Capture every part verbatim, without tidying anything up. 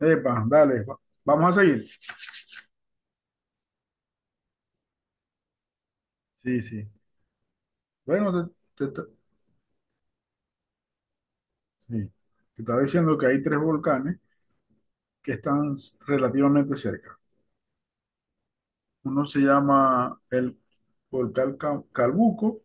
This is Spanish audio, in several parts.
Epa, dale, va- vamos a seguir. Sí, sí. Bueno, te, te- te- sí. Te estaba diciendo que hay tres volcanes que están s- relativamente cerca. Uno se llama el volcán Ca- Calbuco,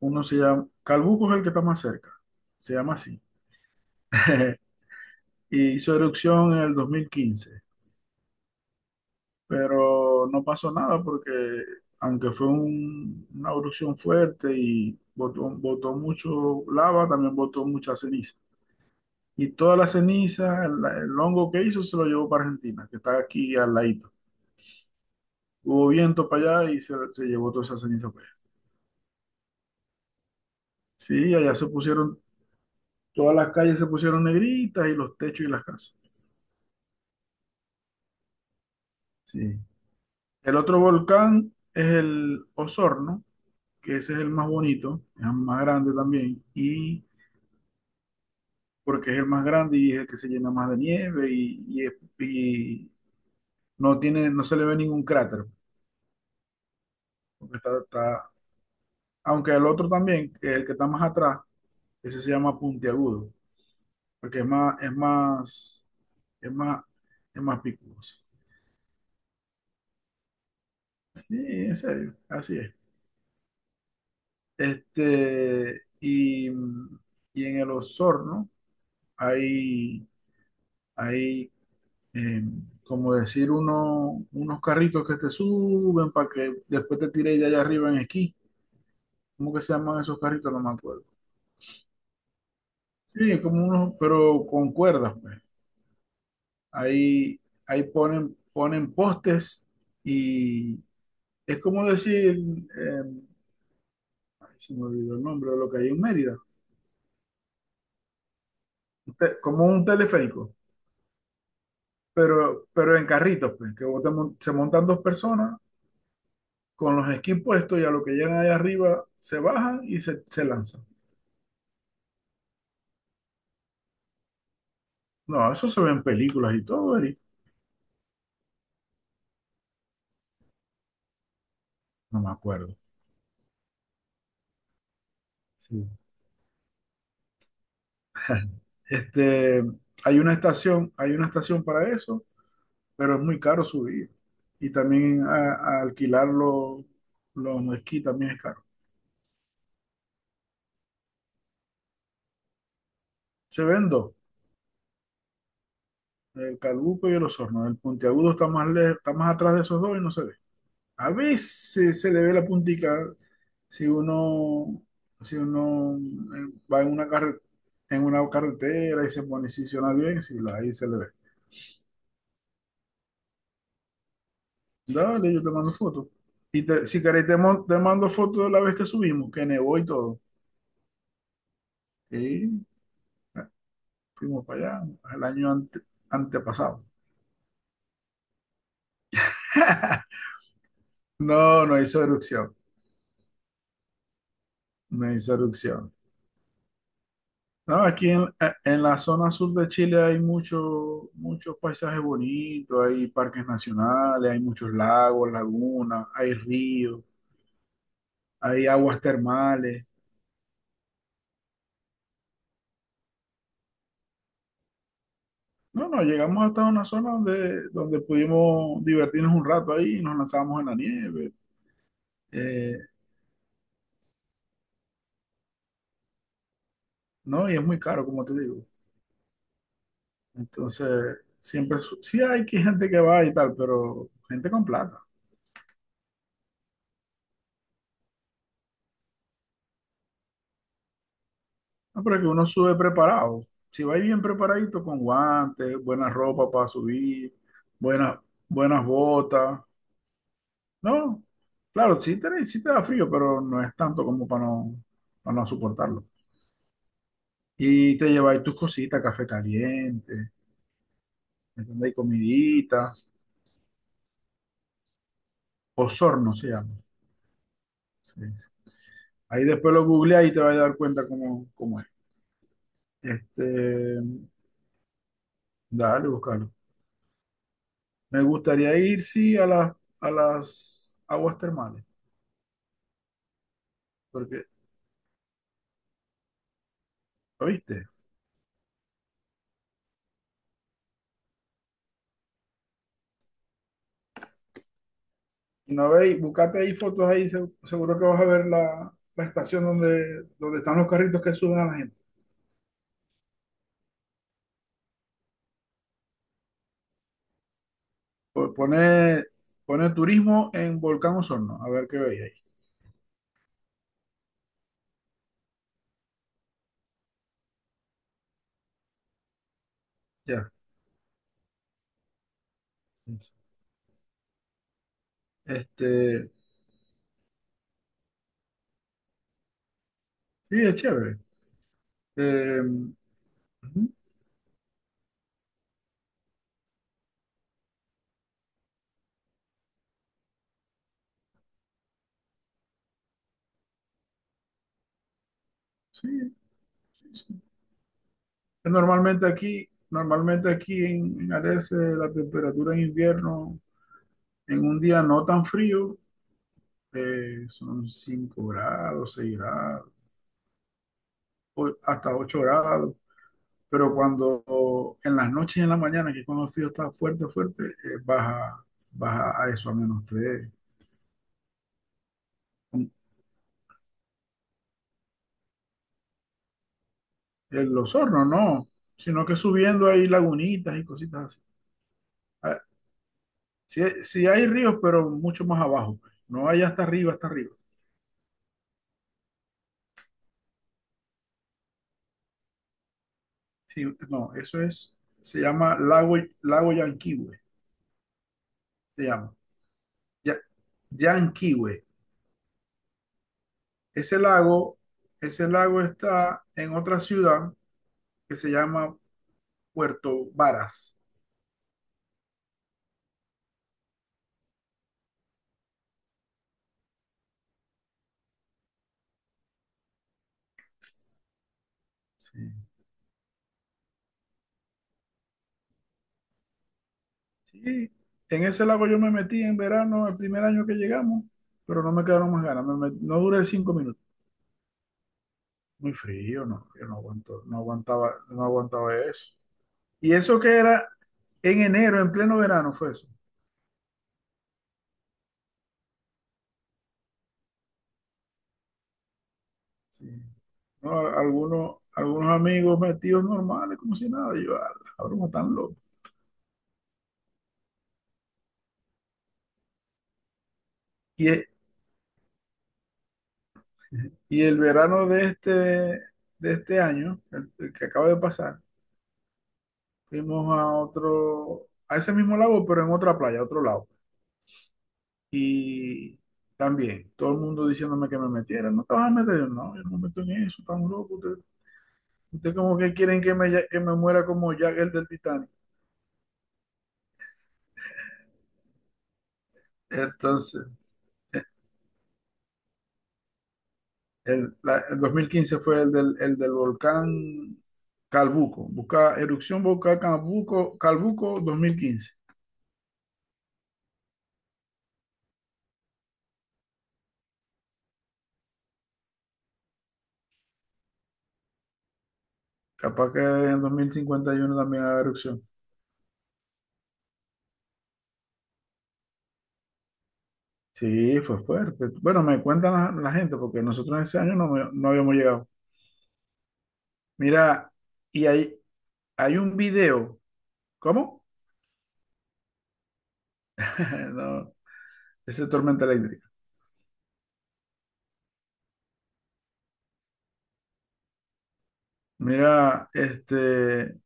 uno se llama, Calbuco es el que está más cerca, se llama así. Y hizo erupción en el dos mil quince, pero no pasó nada porque aunque fue un- una erupción fuerte y botó, botó mucho lava, también botó mucha ceniza. Y toda la ceniza, el, el hongo que hizo, se lo llevó para Argentina, que está aquí al ladito. Hubo viento para allá y se, se llevó toda esa ceniza para allá. Sí, allá se pusieron, todas las calles se pusieron negritas y los techos y las casas. Sí. El otro volcán es el Osorno, que ese es el más bonito, es el más grande también, y porque es el más grande y es el que se llena más de nieve y, y es- y no tiene, no se le ve ningún cráter, porque está, está- aunque el otro también, que es el que está más atrás. Ese se llama puntiagudo, porque es más, es más, es más, es más picudoso. Sí, en serio, así es. Este, y, y en el Osorno hay, hay eh, como decir, uno, unos carritos que te suben para que después te tires de allá arriba en esquí. ¿Cómo que se llaman esos carritos? No me acuerdo. Sí, como unos, pero con cuerdas, pues. Ahí, ahí ponen, ponen postes y, es como decir, eh, ay, se me olvidó el nombre de lo que hay en Mérida. Un te- como un teleférico, pero, pero en carritos, pues, que vos te mon- se montan dos personas con los skis puestos y a lo que llegan allá arriba se bajan y se, se lanzan. No, eso se ve en películas y todo, Eri. No me acuerdo. Sí. Este, Hay una estación, hay una estación para eso, pero es muy caro subir. Y también a, a alquilar los, los esquí también es caro. Se ven dos. El Calbuco y el Osorno. El puntiagudo está más, le- está más atrás de esos dos y no se ve. A veces se le ve la puntica si uno, si uno eh, va en una carre- en una carretera y se posiciona bien, si la, ahí se le ve. Dale, yo te mando fotos. Y te- si querés, te, mon- te mando fotos de la vez que subimos, que nevó y todo. Y fuimos para allá el año ante- antepasado. No, no hizo erupción. No hizo erupción. No, aquí en, eh, en la zona sur de Chile hay mucho- muchos paisajes bonitos, hay parques nacionales, hay muchos lagos, lagunas, hay ríos, hay aguas termales. No, no, llegamos hasta una zona donde, donde pudimos divertirnos un rato ahí y nos lanzamos en la nieve. Eh, no, y es muy caro, como te digo. Entonces, siempre, su- sí hay que gente que va y tal, pero gente con plata. No, pero es que uno sube preparado. Si vais bien preparadito con guantes, buena ropa para subir, buenas, buenas botas. No, claro, sí te, sí te da frío, pero no es tanto como para no, para no soportarlo. Y te lleváis tus cositas, café caliente, ¿entendéis? Comidita. Osorno se llama. Sí, sí. Ahí después lo googleáis y te vas a dar cuenta cómo, cómo es. Este, Dale, búscalo. Me gustaría ir, sí, a las, a las aguas termales. Porque ¿Oíste? Y no veis, buscate ahí fotos ahí, se- seguro que vas a ver la, la estación donde, donde están los carritos que suben a la gente. Po- Pone, pone turismo en Volcán Osorno, a ver qué veis ahí. Ya. Este, sí, es chévere. Eh, Ujú, sí, sí, sí. Normalmente aquí, normalmente aquí en, en Arese la temperatura en invierno, en un día no tan frío, eh, son cinco grados, seis grados, o- hasta ocho grados. Pero cuando en las noches y en la mañana, que cuando el frío está fuerte, fuerte, eh, baja, baja a eso, a menos tres. En los hornos no, sino que subiendo hay lagunitas y cositas así. Ah, sí, sí hay ríos, pero mucho más abajo. No hay hasta arriba, hasta arriba. Sí, no, eso es, se llama lago, lago Yanquihue, se llama. Ya, Yanquihue. Ese lago, ese lago está en otra ciudad que se llama Puerto Varas. Sí. Sí, en ese lago yo me metí en verano, el primer año que llegamos, pero no me quedaron más ganas. Me met- no duré cinco minutos. Muy frío, no, yo no aguanto, no aguantaba, no aguantaba eso. Y eso que era en enero, en pleno verano, fue eso. Sí. No, a- algunos, algunos amigos metidos normales, como si nada. Y yo, "Ah, la broma tan loco." Y, e- y el verano de este, de este año, el, el que acaba de pasar, fuimos a otro, a ese mismo lago, pero en otra playa, a otro lado. Y también, todo el mundo diciéndome que me metiera. No te vas a meter. Yo, no, yo no me meto en eso, tan loco. Ustedes usted como que quieren que me, ya- que me muera como Jack el del Titanic. Entonces, el, la- el dos mil quince fue el del, el del volcán Calbuco. Busca erupción volcán Calbuco, Calbuco dos mil quince. Capaz que en dos mil cincuenta y uno también haga erupción. Sí, fue fuerte. Bueno, me cuentan la, la gente porque nosotros en ese año no, me- no habíamos llegado. Mira, y hay, hay un video. ¿Cómo? No, ese tormenta eléctrica. Mira, este,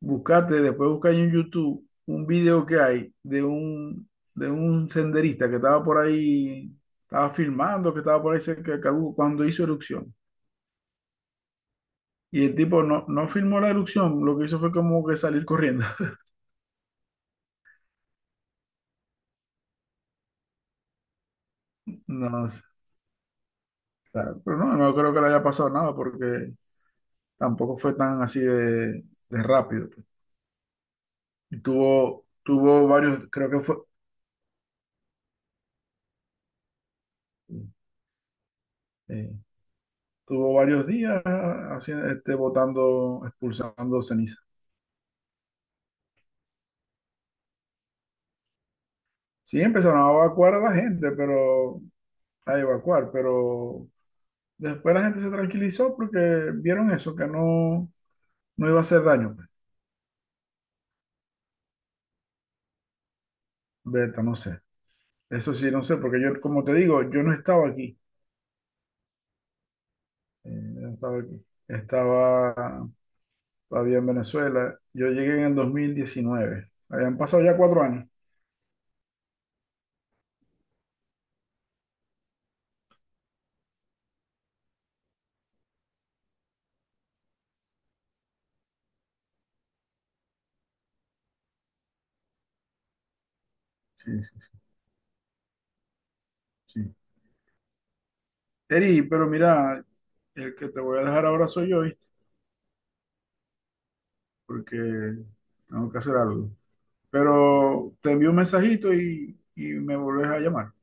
buscate, después busca ahí en YouTube un video que hay de un, de un senderista que estaba por ahí, estaba filmando, que estaba por ahí cerca de Cabuco cuando hizo erupción. Y el tipo no, no filmó la erupción, lo que hizo fue como que salir corriendo. No sé, claro, pero no, no creo que le haya pasado nada porque tampoco fue tan así de, de rápido, pues. Y tuvo, tuvo varios, creo que fue, eh, tuvo varios días haciendo, este, botando, expulsando ceniza. Sí, empezaron a evacuar a la gente, pero a evacuar, pero después la gente se tranquilizó porque vieron eso, que no, no iba a hacer daño, pues. Beta, no sé. Eso sí, no sé, porque yo, como te digo, yo no estaba aquí. Eh, no estaba aquí. Estaba todavía en Venezuela. Yo llegué en el dos mil diecinueve. Habían pasado ya cuatro años. Sí, sí, sí. Sí. Eri, pero mira, el que te voy a dejar ahora soy yo, porque tengo que hacer algo. Pero te envío un mensajito y, y me volvés a llamar.